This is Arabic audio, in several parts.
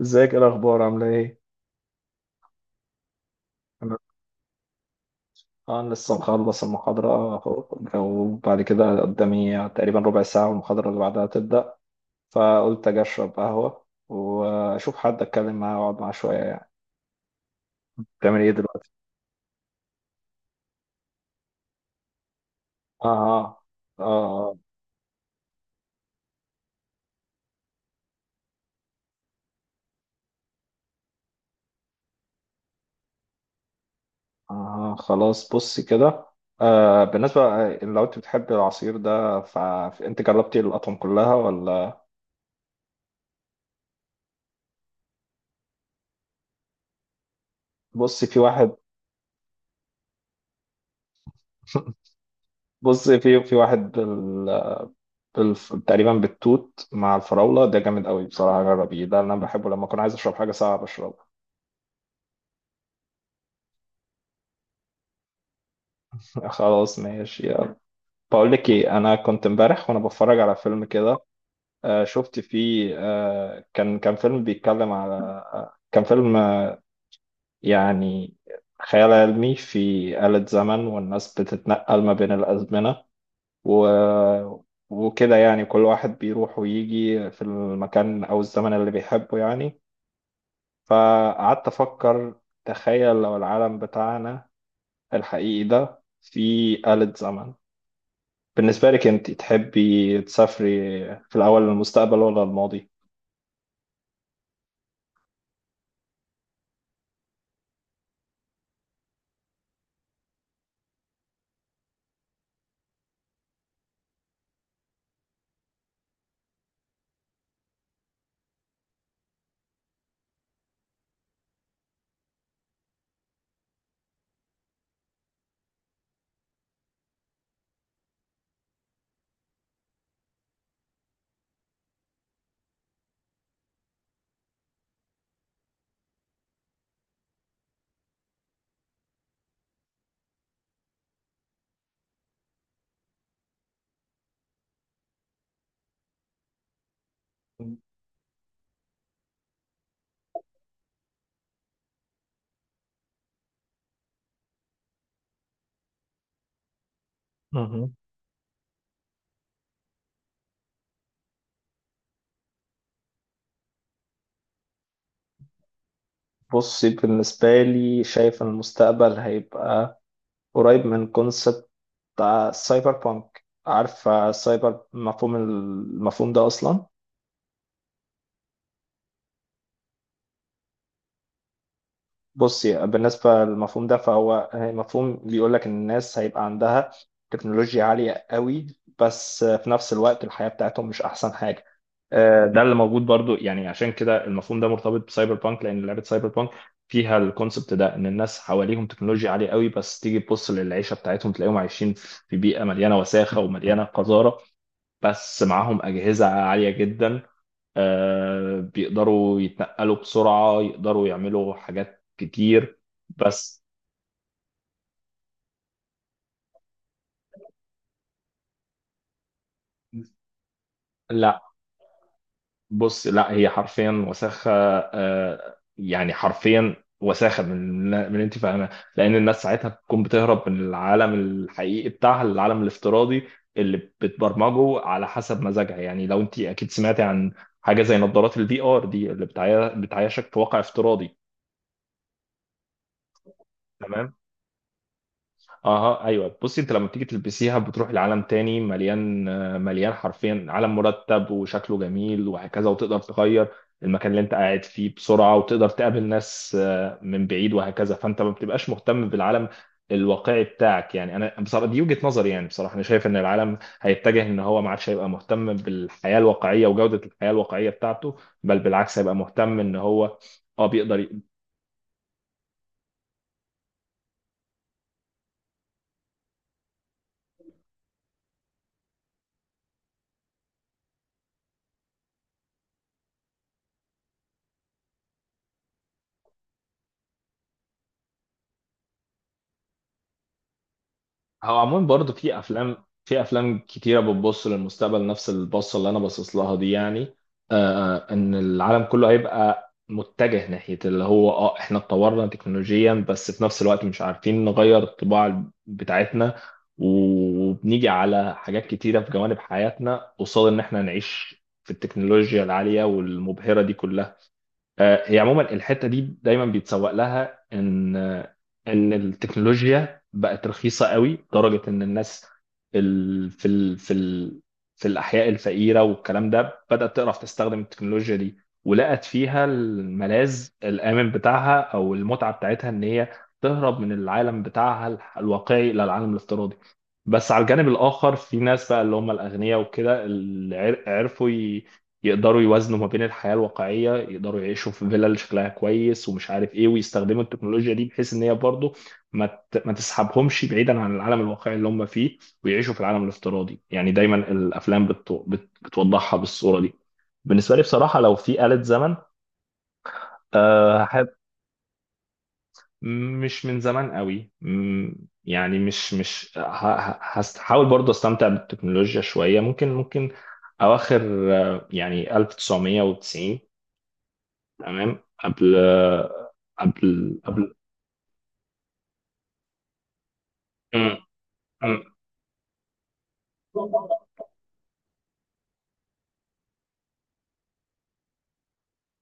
ازيك، ايه الاخبار، عامله ايه؟ انا انا لسه مخلص المحاضره اهو. وبعد كده قدامي تقريبا ربع ساعه والمحاضره اللي بعدها تبدا. فقلت اجي اشرب قهوه واشوف حد اتكلم معاه واقعد معاه شويه يعني. بتعمل ايه دلوقتي؟ اه اه. اه, آه. آه، خلاص بصي كده. آه بالنسبه، لو انت بتحب العصير ده فانت جربتي الاطعم كلها ولا؟ بصي في واحد. بص في واحد تقريبا بالتوت مع الفراولة، ده جامد قوي بصراحة. جربيه، ده اللي أنا بحبه لما أكون عايز أشرب حاجة ساقعة بشربها. خلاص ماشي يلا. بقول لك إيه، أنا كنت امبارح وأنا بتفرج على فيلم كده. شفت فيه كان فيلم بيتكلم على آه كان فيلم آه يعني خيال علمي، في آلة زمن والناس بتتنقل ما بين الأزمنة و... وكده. يعني كل واحد بيروح ويجي في المكان أو الزمن اللي بيحبه يعني. فقعدت أفكر، تخيل لو العالم بتاعنا الحقيقي ده فيه آلة زمن، بالنسبة لك أنت تحبي تسافري في الأول للمستقبل ولا الماضي؟ مهم. بصي بالنسبة لي شايف إن المستقبل هيبقى قريب من كونسبت السايبر بانك. عارفة السايبر المفهوم ده أصلا؟ بصي بالنسبة للمفهوم ده، فهو مفهوم بيقول لك إن الناس هيبقى عندها تكنولوجيا عالية قوي، بس في نفس الوقت الحياة بتاعتهم مش أحسن حاجة. آه، ده اللي موجود برضو يعني، عشان كده المفهوم ده مرتبط بسايبر بانك، لأن لعبة سايبر بانك فيها الكونسبت ده، إن الناس حواليهم تكنولوجيا عالية قوي بس تيجي تبص للعيشة بتاعتهم تلاقيهم عايشين في بيئة مليانة وساخة ومليانة قذارة، بس معاهم أجهزة عالية جدا. آه، بيقدروا يتنقلوا بسرعة، يقدروا يعملوا حاجات كتير. بس لا، بص لا، هي حرفيا وساخة. آه، يعني حرفيا وساخة، من اللي انت فاهمها. لأن الناس ساعتها بتكون بتهرب من العالم الحقيقي بتاعها للعالم الافتراضي اللي بتبرمجه على حسب مزاجها يعني. لو انت أكيد سمعتي عن حاجة زي نظارات الفي ار دي اللي بتعيشك في واقع افتراضي، تمام؟ اها ايوه بصي، انت لما بتيجي تلبسيها بتروح لعالم تاني مليان، حرفيا عالم مرتب وشكله جميل وهكذا، وتقدر تغير المكان اللي انت قاعد فيه بسرعه، وتقدر تقابل ناس من بعيد وهكذا. فانت ما بتبقاش مهتم بالعالم الواقعي بتاعك يعني. انا بصراحه دي وجهه نظري. يعني بصراحه انا شايف ان العالم هيتجه ان هو ما عادش هيبقى مهتم بالحياه الواقعيه وجوده الحياه الواقعيه بتاعته، بل بالعكس هيبقى مهتم ان هو اه بيقدر. هو عموما برضه في افلام كتيره بتبص للمستقبل نفس البصه اللي انا باصص لها دي يعني. آه آه، ان العالم كله هيبقى متجه ناحيه اللي هو اه احنا اتطورنا تكنولوجيا، بس في نفس الوقت مش عارفين نغير الطباع بتاعتنا، وبنيجي على حاجات كتيره في جوانب حياتنا قصاد ان احنا نعيش في التكنولوجيا العاليه والمبهره دي كلها. آه، هي عموما الحته دي دايما بيتسوق لها ان ان التكنولوجيا بقت رخيصه قوي لدرجه ان الناس ال- في ال في ال في الاحياء الفقيره والكلام ده بدات تعرف تستخدم التكنولوجيا دي، ولقت فيها الملاذ الامن بتاعها او المتعه بتاعتها، ان هي تهرب من العالم بتاعها الواقعي الى العالم الافتراضي. بس على الجانب الاخر في ناس بقى اللي هم الاغنياء وكده، اللي عرفوا يقدروا يوازنوا ما بين الحياة الواقعية، يقدروا يعيشوا في فيلل شكلها كويس ومش عارف ايه، ويستخدموا التكنولوجيا دي بحيث ان هي برضه ما تسحبهمش بعيدا عن العالم الواقعي اللي هم فيه ويعيشوا في العالم الافتراضي. يعني دايما الافلام بتوضحها بالصورة دي. بالنسبة لي بصراحة لو في آلة زمن، آه، هحب، مش من زمان قوي، يعني مش هحاول برضه استمتع بالتكنولوجيا شوية. ممكن ممكن اواخر، آه، يعني 1990، تمام، قبل قبل. مم. مم.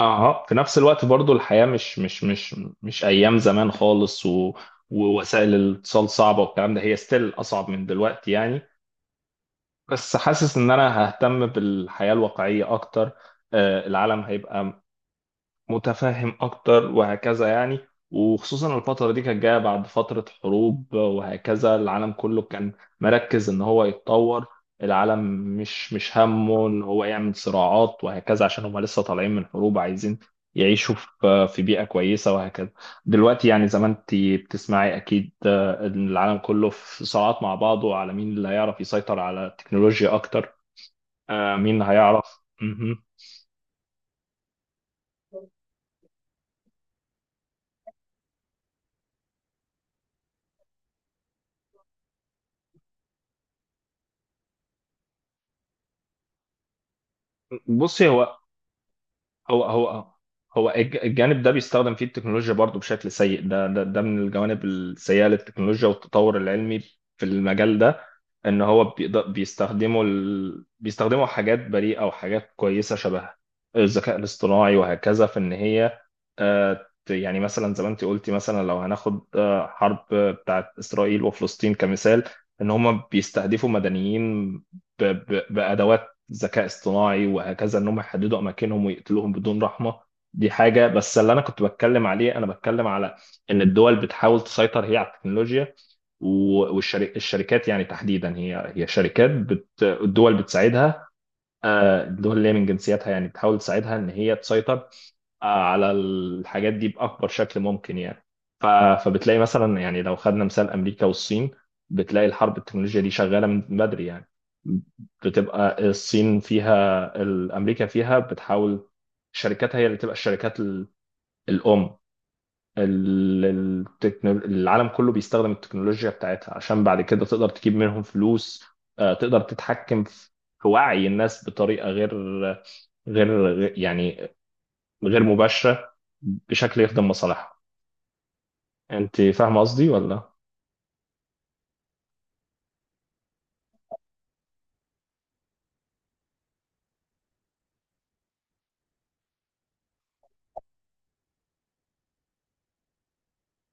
اها في نفس الوقت برضو الحياة مش ايام زمان خالص ووسائل الاتصال صعبة والكلام ده، هي ستيل اصعب من دلوقتي يعني. بس حاسس ان انا ههتم بالحياة الواقعية اكتر. آه، العالم هيبقى متفهم اكتر وهكذا يعني. وخصوصا الفترة دي كانت جاية بعد فترة حروب وهكذا، العالم كله كان مركز ان هو يتطور العالم، مش همه ان هو يعمل صراعات وهكذا، عشان هم لسه طالعين من حروب عايزين يعيشوا في بيئة كويسة وهكذا. دلوقتي يعني زي ما انت بتسمعي اكيد، آه، ان العالم كله في صراعات مع بعضه على مين اللي هيعرف يسيطر على التكنولوجيا اكتر. آه، مين هيعرف. مهم. بصي هو هو هو الجانب ده بيستخدم فيه التكنولوجيا برضو بشكل سيء. ده ده من الجوانب السيئة للتكنولوجيا والتطور العلمي في المجال ده. ان هو بيقدر بيستخدموا بيستخدموا حاجات بريئة وحاجات كويسة شبه الذكاء الاصطناعي وهكذا، في ان هي يعني مثلا زي ما انت قلتي، مثلا لو هناخد، آه، حرب بتاعت اسرائيل وفلسطين كمثال، ان هم بيستهدفوا مدنيين بأدوات ذكاء اصطناعي وهكذا، ان هم يحددوا اماكنهم ويقتلوهم بدون رحمه. دي حاجه، بس اللي انا كنت بتكلم عليه انا بتكلم على ان الدول بتحاول تسيطر هي على التكنولوجيا. والشركات يعني تحديدا هي الدول بتساعدها. آه، الدول اللي هي من جنسياتها يعني بتحاول تساعدها ان هي تسيطر، آه، على الحاجات دي باكبر شكل ممكن يعني. ف- فبتلاقي مثلا يعني لو خدنا مثال امريكا والصين، بتلاقي الحرب التكنولوجيا دي شغاله من بدري يعني. بتبقى الصين فيها، الامريكا فيها بتحاول شركاتها هي اللي تبقى الشركات الام، ال- العالم كله بيستخدم التكنولوجيا بتاعتها عشان بعد كده تقدر تجيب منهم فلوس. آه، تقدر تتحكم في وعي الناس بطريقة غير غير- يعني غير مباشرة بشكل يخدم مصالحها. انت فاهمة قصدي ولا؟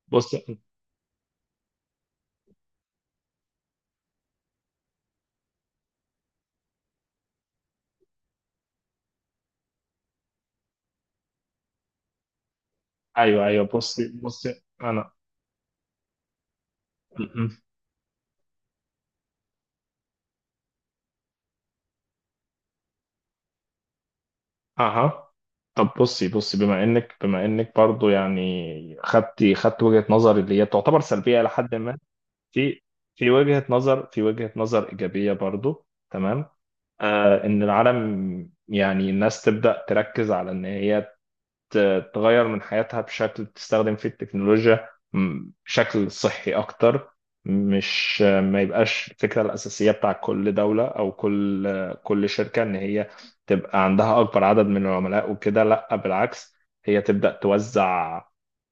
بص، ايوه ايوه. بصي انا م- م. اها طب بصي بما انك برضو يعني خدت وجهة نظري اللي هي تعتبر سلبية لحد ما، في في وجهة نظر إيجابية برضو، تمام؟ آه، إن العالم يعني الناس تبدأ تركز على إن هي تغير من حياتها بشكل تستخدم فيه التكنولوجيا بشكل صحي أكتر. مش آه، ما يبقاش الفكرة الأساسية بتاع كل دولة أو كل، آه، كل شركة، إن هي تبقى عندها أكبر عدد من العملاء وكده. لأ بالعكس، هي تبدأ توزع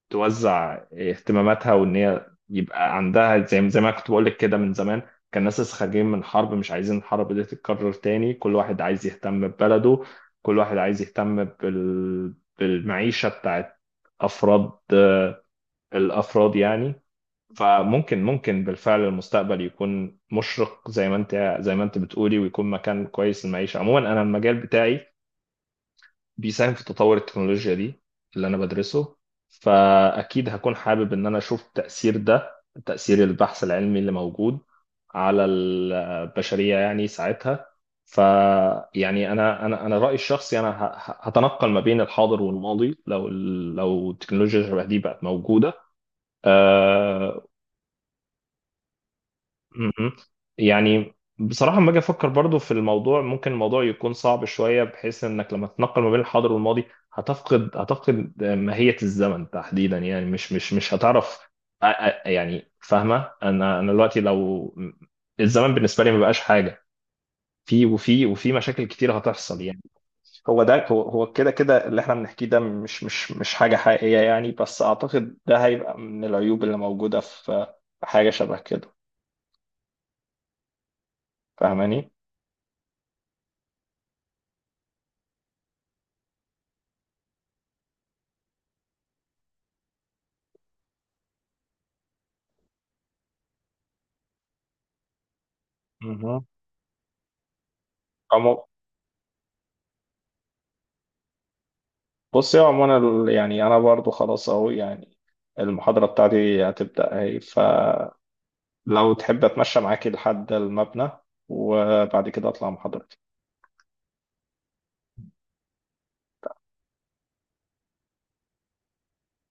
توزع اهتماماتها، وان هي يبقى عندها، زي ما كنت بقول لك كده، من زمان كان الناس لسه خارجين من حرب مش عايزين الحرب دي تتكرر تاني. كل واحد عايز يهتم ببلده، كل واحد عايز يهتم بالمعيشة بتاعت أفراد، الأفراد يعني. فممكن بالفعل المستقبل يكون مشرق زي ما انت بتقولي، ويكون مكان كويس للمعيشة عموما. انا المجال بتاعي بيساهم في تطور التكنولوجيا دي اللي أنا بدرسه، فأكيد هكون حابب إن أنا أشوف تأثير ده، تأثير البحث العلمي اللي موجود على البشرية يعني ساعتها. فيعني أنا رأيي الشخصي أنا هتنقل ما بين الحاضر والماضي لو لو التكنولوجيا شبه دي بقت موجودة. آه، مهم. يعني بصراحة لما أجي أفكر برضو في الموضوع، ممكن الموضوع يكون صعب شوية بحيث إنك لما تنقل ما بين الحاضر والماضي هتفقد ماهية الزمن تحديدا. يعني مش مش مش هتعرف يعني فاهمة، أنا دلوقتي لو الزمن بالنسبة لي ما بقاش حاجة، في وفي وفي مشاكل كتير هتحصل يعني. هو ده، هو هو كده اللي احنا بنحكيه ده مش مش مش حاجة حقيقية يعني، بس اعتقد ده هيبقى من العيوب اللي موجودة في حاجة شبه كده. فاهماني؟ عمو. بص يا عمو، انا يعني انا برضو خلاص اهو يعني، المحاضرة بتاعتي هتبدأ اهي. فلو تحب اتمشى معاكي لحد المبنى وبعد كده اطلع محاضرة.